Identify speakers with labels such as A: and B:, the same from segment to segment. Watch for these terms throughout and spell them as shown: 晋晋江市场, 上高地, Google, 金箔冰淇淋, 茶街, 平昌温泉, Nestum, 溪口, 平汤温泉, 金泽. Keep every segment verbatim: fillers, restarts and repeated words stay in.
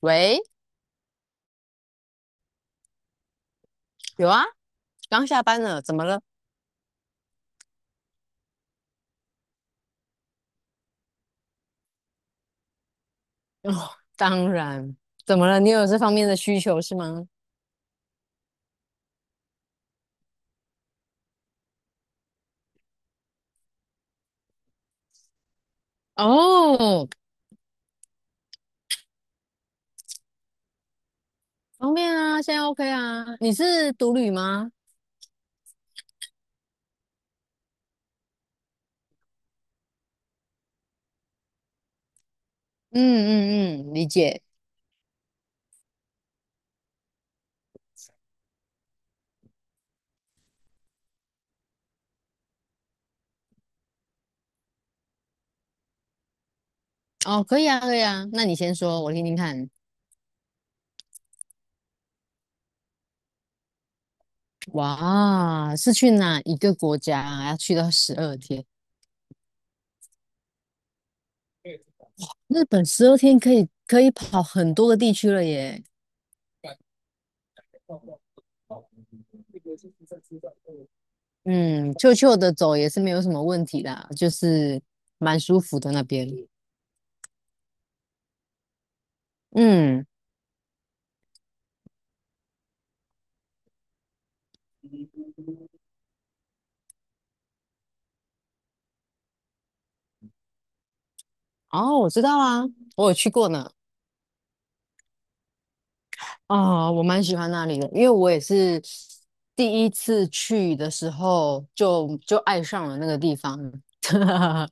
A: 喂，有啊，刚下班了，怎么了？哦，当然，怎么了？你有这方面的需求是吗？哦，方便啊，现在 OK 啊。你是独旅吗？嗯嗯嗯，理解。哦，可以啊，可以啊。那你先说，我听听看。哇，是去哪一个国家啊？要去到十二天？日本十二天可以可以跑很多个地区了耶。嗯，悄悄的走也是没有什么问题啦，就是蛮舒服的那边。嗯。哦，我知道啊，我有去过呢。啊，我蛮喜欢那里的，因为我也是第一次去的时候就就爱上了那个地方。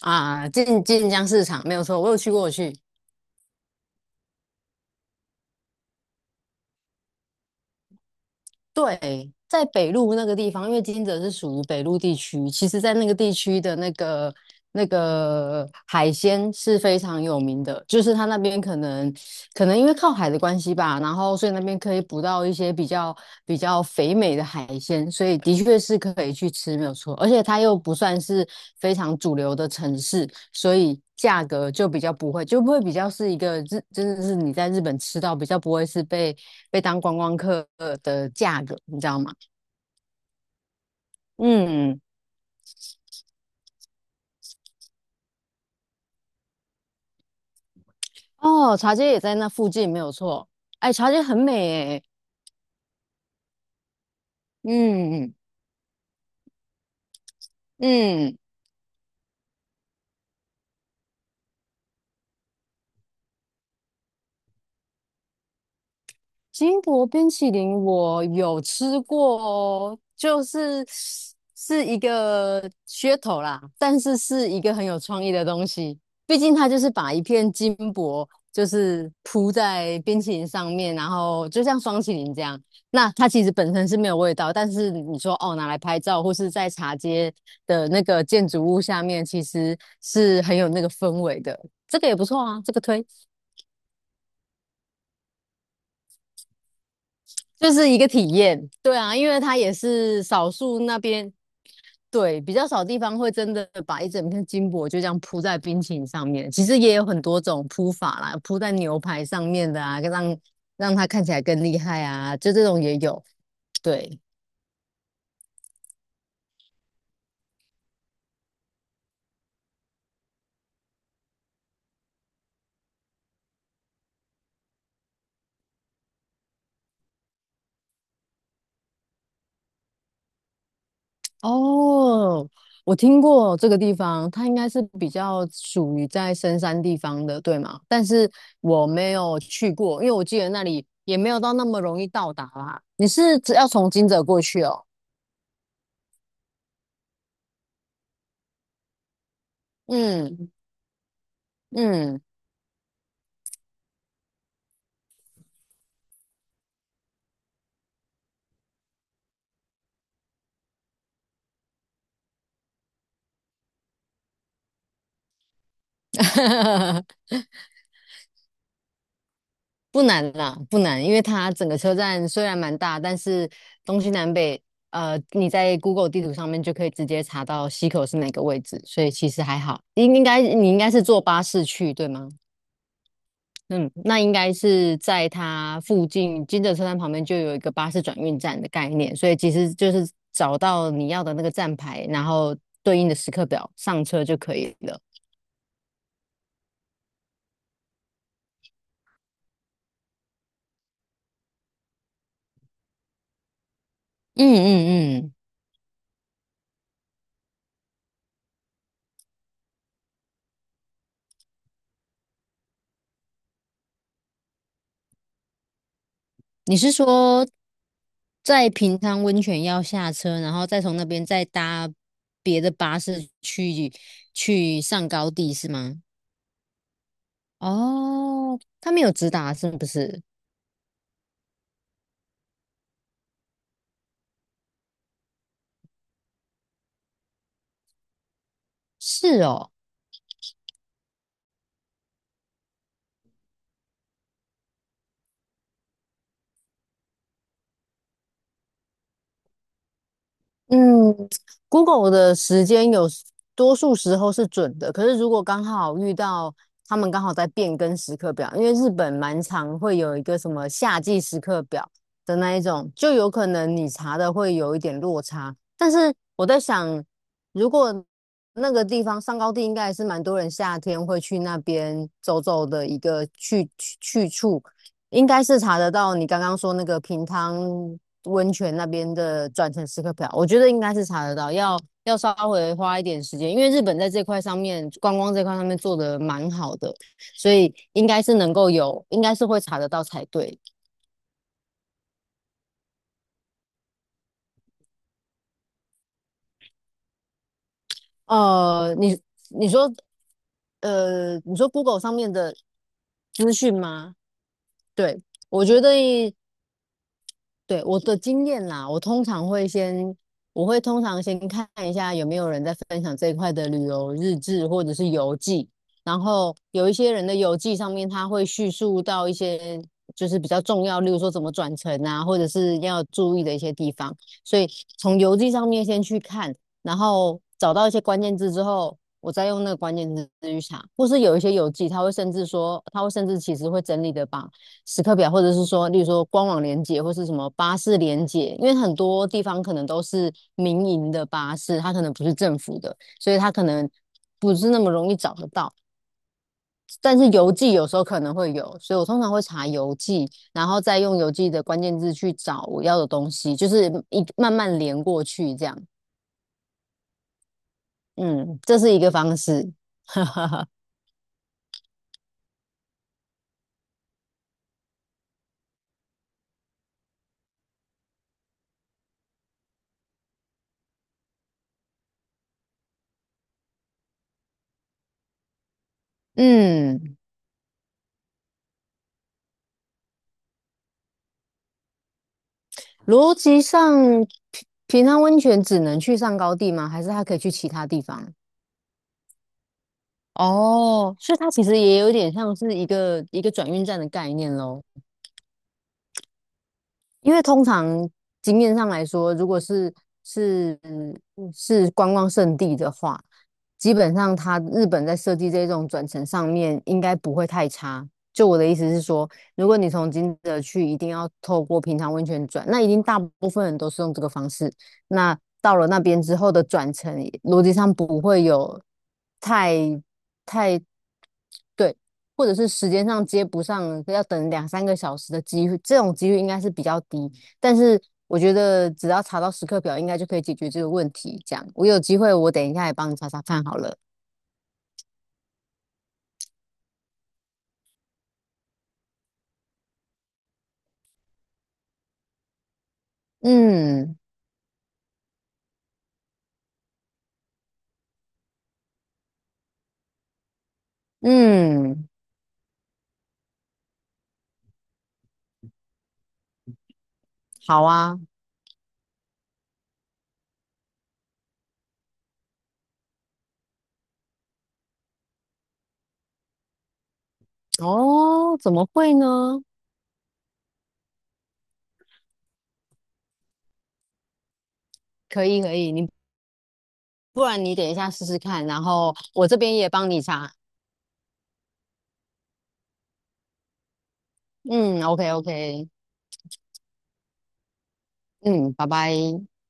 A: 啊，晋晋江市场没有错，我有去过，我去。对，在北路那个地方，因为金泽是属于北路地区，其实，在那个地区的那个那个海鲜是非常有名的，就是它那边可能可能因为靠海的关系吧，然后所以那边可以捕到一些比较比较肥美的海鲜，所以的确是可以去吃，没有错。而且它又不算是非常主流的城市，所以价格就比较不会，就不会比较是一个日，真的是你在日本吃到比较不会是被。被当观光客的价格，你知道吗？嗯，哦，茶街也在那附近，没有错。哎，茶街很美诶，嗯嗯。金箔冰淇淋我有吃过哦，就是是一个噱头啦，但是是一个很有创意的东西。毕竟它就是把一片金箔就是铺在冰淇淋上面，然后就像双淇淋这样。那它其实本身是没有味道，但是你说哦拿来拍照或是在茶街的那个建筑物下面，其实是很有那个氛围的。这个也不错啊，这个推。就是一个体验。对啊，因为它也是少数那边，对，比较少地方会真的把一整片金箔就这样铺在冰淇淋上面。其实也有很多种铺法啦，铺在牛排上面的啊，让让它看起来更厉害啊，就这种也有。对，哦，我听过这个地方，它应该是比较属于在深山地方的，对吗？但是我没有去过，因为我记得那里也没有到那么容易到达啦。你是只要从金泽过去哦？嗯嗯，不难啦，不难，因为它整个车站虽然蛮大，但是东西南北，呃，你在 Google 地图上面就可以直接查到溪口是哪个位置，所以其实还好。应应该你应该是坐巴士去，对吗？嗯，那应该是在它附近金泽车站旁边就有一个巴士转运站的概念，所以其实就是找到你要的那个站牌，然后对应的时刻表上车就可以了。嗯嗯嗯，你是说在平昌温泉要下车，然后再从那边再搭别的巴士去去上高地是吗？哦，他没有直达是不是？是哦。嗯，Google 的时间有时多数时候是准的，可是如果刚好遇到他们刚好在变更时刻表，因为日本蛮常会有一个什么夏季时刻表的那一种，就有可能你查的会有一点落差。但是我在想，如果那个地方上高地应该还是蛮多人夏天会去那边走走的一个去去去处，应该是查得到你刚刚说那个平汤温泉那边的转乘时刻表，我觉得应该是查得到，要要稍微花一点时间，因为日本在这块上面观光这块上面做的蛮好的，所以应该是能够有，应该是会查得到才对。呃，你你说，呃，你说 Google 上面的资讯吗？对，我觉得对，我的经验啦，我通常会先，我会通常先看一下有没有人在分享这一块的旅游日志或者是游记，然后有一些人的游记上面他会叙述到一些就是比较重要，例如说怎么转乘啊，或者是要注意的一些地方，所以从游记上面先去看，然后找到一些关键字之后，我再用那个关键字去查，或是有一些游记他会甚至说，他会甚至其实会整理的把。时刻表，或者是说，例如说官网连接或是什么巴士连接，因为很多地方可能都是民营的巴士，它可能不是政府的，所以它可能不是那么容易找得到。但是邮寄有时候可能会有，所以我通常会查邮寄，然后再用邮寄的关键字去找我要的东西，就是一慢慢连过去这样。嗯，这是一个方式。哈哈哈。嗯，逻辑上，平平常温泉只能去上高地吗？还是它可以去其他地方？哦，所以它其实也有点像是一个一个转运站的概念喽。因为通常经验上来说，如果是是嗯是观光胜地的话，基本上它日本在设计这种转乘上面应该不会太差。就我的意思是说，如果你从金泽去，一定要透过平常温泉转，那一定大部分人都是用这个方式。那到了那边之后的转乘，逻辑上不会有太太对，或者是时间上接不上，要等两三个小时的机会，这种几率应该是比较低。但是我觉得只要查到时刻表，应该就可以解决这个问题。这样，我有机会，我等一下也帮你查查看好了。嗯嗯，好啊。哦，怎么会呢？可以可以，你不然你等一下试试看，然后我这边也帮你查。嗯，OK OK,嗯，拜拜。